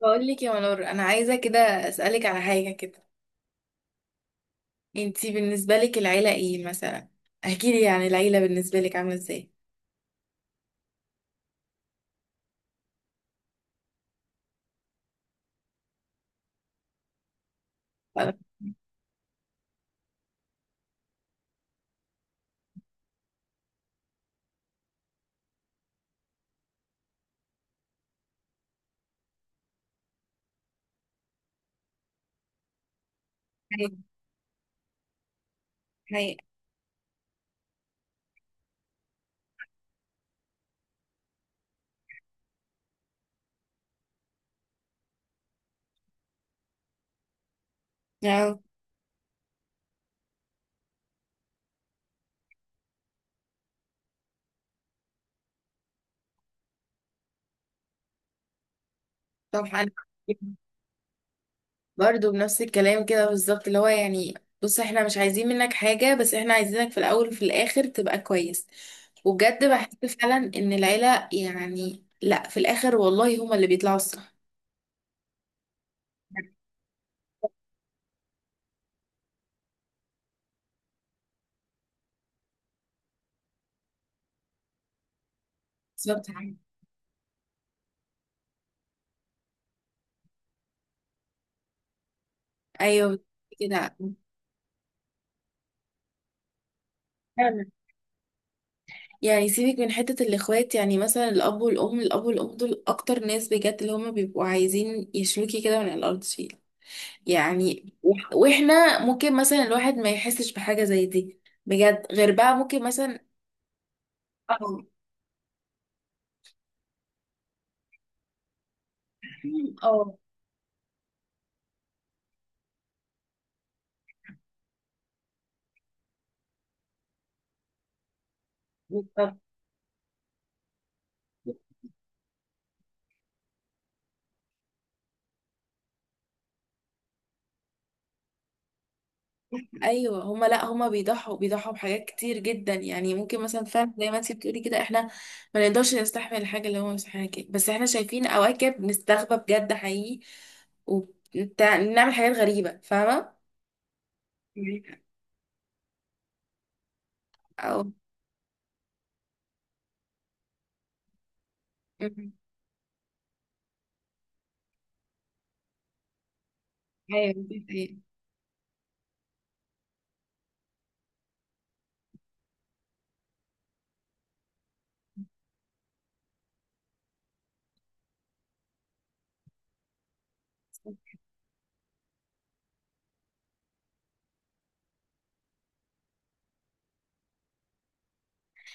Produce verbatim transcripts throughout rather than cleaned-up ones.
بقول لك يا منور انا عايزه كده، اسالك على حاجه كده. انتي بالنسبه لك العيله ايه مثلا؟ احكي لي يعني العيله بالنسبه لك عامله ازاي؟ طب. حقيقة، حقيقة. آه، طب انا برضو بنفس الكلام كده بالظبط اللي هو يعني بص احنا مش عايزين منك حاجه، بس احنا عايزينك في الاول وفي الاخر تبقى كويس. وبجد بحس فعلا ان العيله يعني لا، في الاخر والله هما اللي بيطلعوا الصح. بالظبط. ايوه كده. يعني سيبك من حتة الإخوات، يعني مثلا الأب والأم، الأب والأم دول أكتر ناس بجد اللي هما بيبقوا عايزين يشلوكي كده من الأرض شيء. يعني وح- وإحنا ممكن مثلا الواحد ما يحسش بحاجة زي دي، بجد، غير بقى ممكن مثلا. اه. اه بالظبط. ايوه هما لا، هما بيضحوا بيضحوا بحاجات كتير جدا، يعني ممكن مثلا فعلا زي ما انت بتقولي كده احنا ما نقدرش نستحمل الحاجه اللي هما مستحملها كده، بس احنا شايفين اواكب نستغبى بجد حقيقي، وبنعمل حاجات غريبه، فاهمه؟ او مم. ايوه دي حقيقة.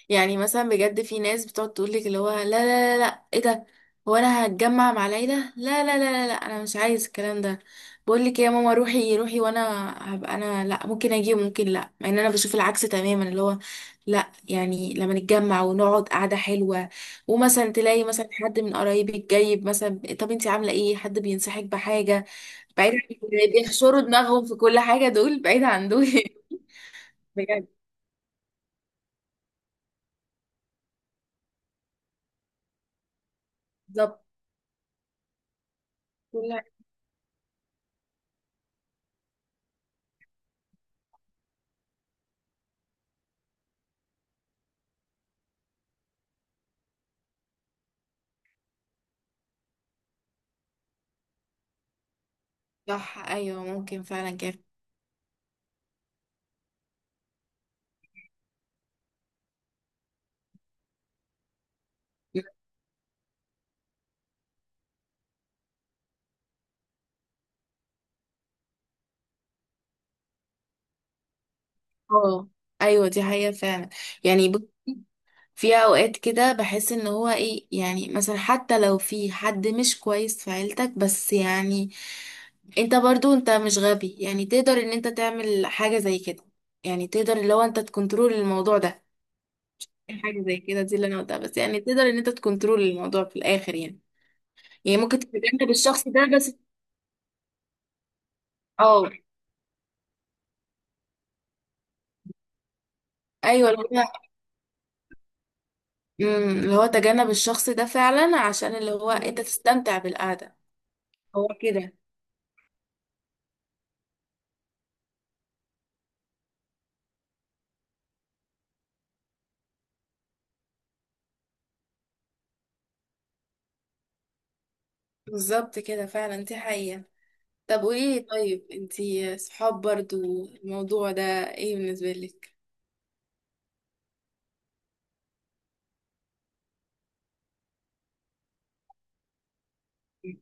يعني مثلا بجد في ناس بتقعد تقول لك اللي هو لا لا لا لا ايه ده، هو انا هتجمع مع العيله؟ لا لا لا لا، لا انا مش عايز الكلام ده. بقول لك إيه يا ماما روحي روحي، وانا هبقى انا لا، ممكن اجي وممكن لا، مع ان انا بشوف العكس تماما اللي هو لا، يعني لما نتجمع ونقعد قعده حلوه، ومثلا تلاقي مثلا حد من قرايبك جايب مثلا، طب انت عامله ايه، حد بينصحك بحاجه، بعيد عن اللي بيحشروا دماغهم في كل حاجه، دول بعيد عن دول بجد. بالظبط. كل حاجة. صح، ايوه ممكن فعلا كده. اه. ايوه دي حقيقة فعلا. يعني ب- في اوقات كده بحس ان هو ايه، يعني مثلا حتى لو في حد مش كويس في عيلتك، بس يعني انت برضو انت مش غبي يعني، تقدر ان انت تعمل حاجة زي كده، يعني تقدر اللي هو انت تكنترول الموضوع ده، حاجة زي كده دي اللي انا قلتها، بس يعني تقدر ان انت تكنترول الموضوع في الاخر يعني. يعني ممكن تتجنب الشخص ده بس. اه. ايوه. مم، اللي هو تجنب الشخص ده فعلا عشان اللي هو انت تستمتع بالقعدة. هو كده. بالظبط كده فعلا دي حقيقة. طب وايه، طيب انتي صحاب برضو الموضوع ده ايه بالنسبة لك؟ مم.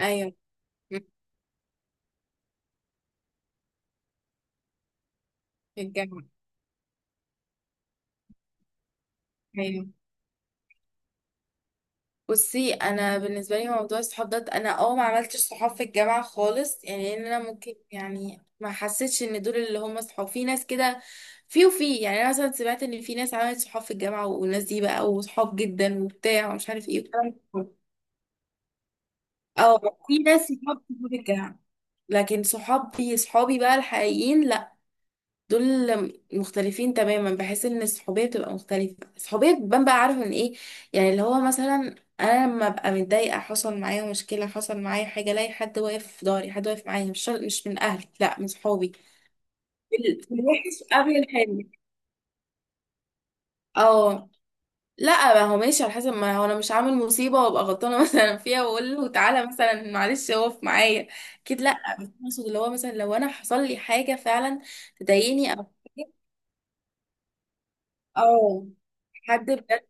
ايوه. مم، في الجامعة. ايوه. بصي انا بالنسبه لي موضوع الصحاب ده انا اه ما عملتش صحاب في الجامعه خالص، يعني ان انا ممكن يعني ما حسيتش ان دول اللي هم صحاب، في ناس كده في وفي يعني انا مثلا سمعت ان في ناس عملت صحاب في الجامعه والناس دي بقى وصحاب جدا وبتاع ومش عارف ايه والكلام ده. اه في ناس صحاب في الجامعه، لكن صحابي صحابي بقى الحقيقيين لا، دول مختلفين تماما، بحيث ان الصحوبيه بتبقى مختلفه، الصحوبيه بتبان بقى، عارف من ايه؟ يعني اللي هو مثلا انا لما ابقى متضايقه، حصل معايا مشكله، حصل معايا حاجه، الاقي حد واقف في ظهري، حد واقف معايا، مش شرط- مش من اهلي، لا من صحابي. في ال- في الوحش قبل الحلو. اه. لا، ما هو ماشي على حسب، ما هو انا مش عامل مصيبه وابقى غلطانه مثلا فيها واقول له تعالى مثلا معلش اقف معايا، اكيد لا، بس اقصد اللي هو مثلا لو انا حصل لي حاجه فعلا تضايقني او. اه. حد بجد.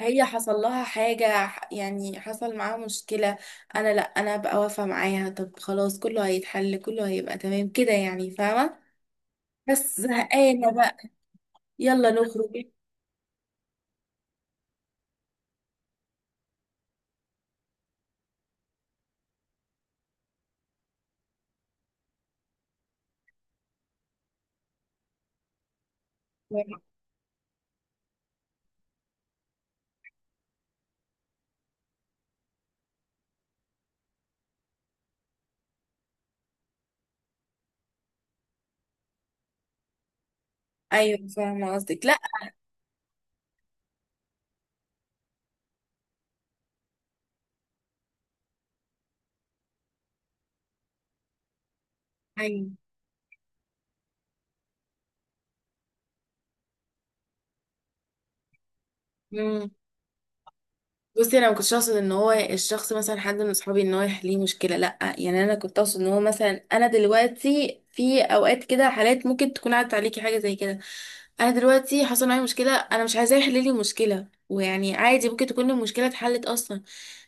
هي حصل لها حاجة، ح- يعني حصل معاها مشكلة، انا لا، انا بقى واقفة معاها، طب خلاص كله هيتحل، كله هيبقى تمام كده يعني، فاهمة؟ بس زهقانة بقى، يلا نخرج ايوه فاهمة قصدك، لا. ايوه. مم. بصي انا ما كنتش اقصد ان هو الشخص مثلا حد من اصحابي ان هو يحليه مشكله لا، يعني انا كنت اقصد ان هو مثلا انا دلوقتي في اوقات كده حالات ممكن تكون عدت عليكي حاجه زي كده، انا دلوقتي حصل معايا مشكله، انا مش عايزاه يحل لي المشكله ويعني، عادي ممكن تكون المشكله اتحلت اصلا،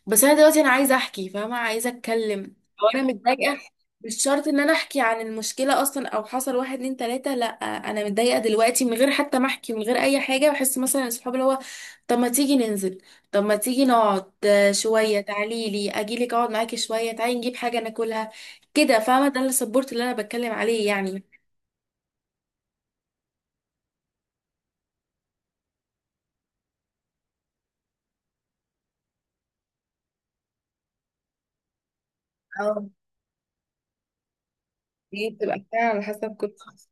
بس انا دلوقتي انا عايزه احكي، فاهمه؟ عايزه اتكلم، او انا متضايقه، مش شرط ان انا احكي عن المشكله اصلا، او حصل واحد اتنين تلاته، لا انا متضايقه دلوقتي من غير حتى ما احكي، من غير اي حاجه، بحس مثلا اصحابي اللي هو طب ما تيجي ننزل، طب ما تيجي نقعد، آه، شوية تعالي لي أجيلك أقعد معاكي شوية، تعالي نجيب حاجة ناكلها، كده، فاهمة؟ ده السبورت اللي أنا بتكلم عليه يعني. اه. دي بتبقى فعلا على حسب كل شخص.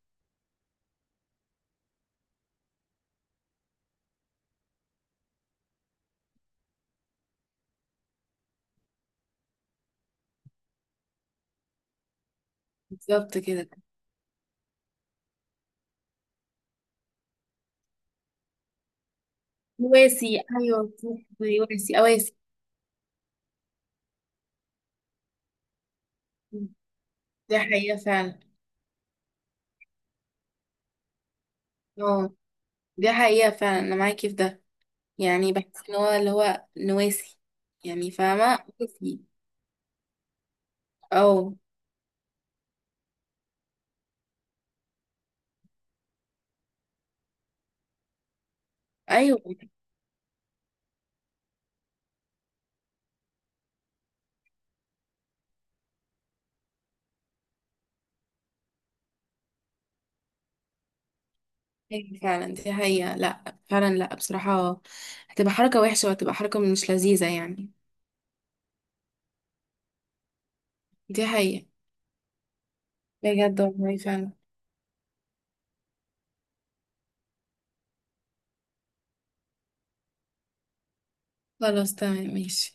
بالظبط كده. واسي، أيوة صح، واسي أواسي. دي حقيقة فعلا. اه دي حقيقة فعلا، أنا معاكي في ده. يعني بحس إن هو اللي هو نواسي، يعني فاهمة، واسي. اه. أيوة. أيوة فعلا دي حقيقة، لا فعلا لا بصراحة، هتبقى حركة وحشة، وهتبقى حركة مش لذيذة يعني. دي حقيقة. بجد والله فعلا. خلاص تمام ماشي.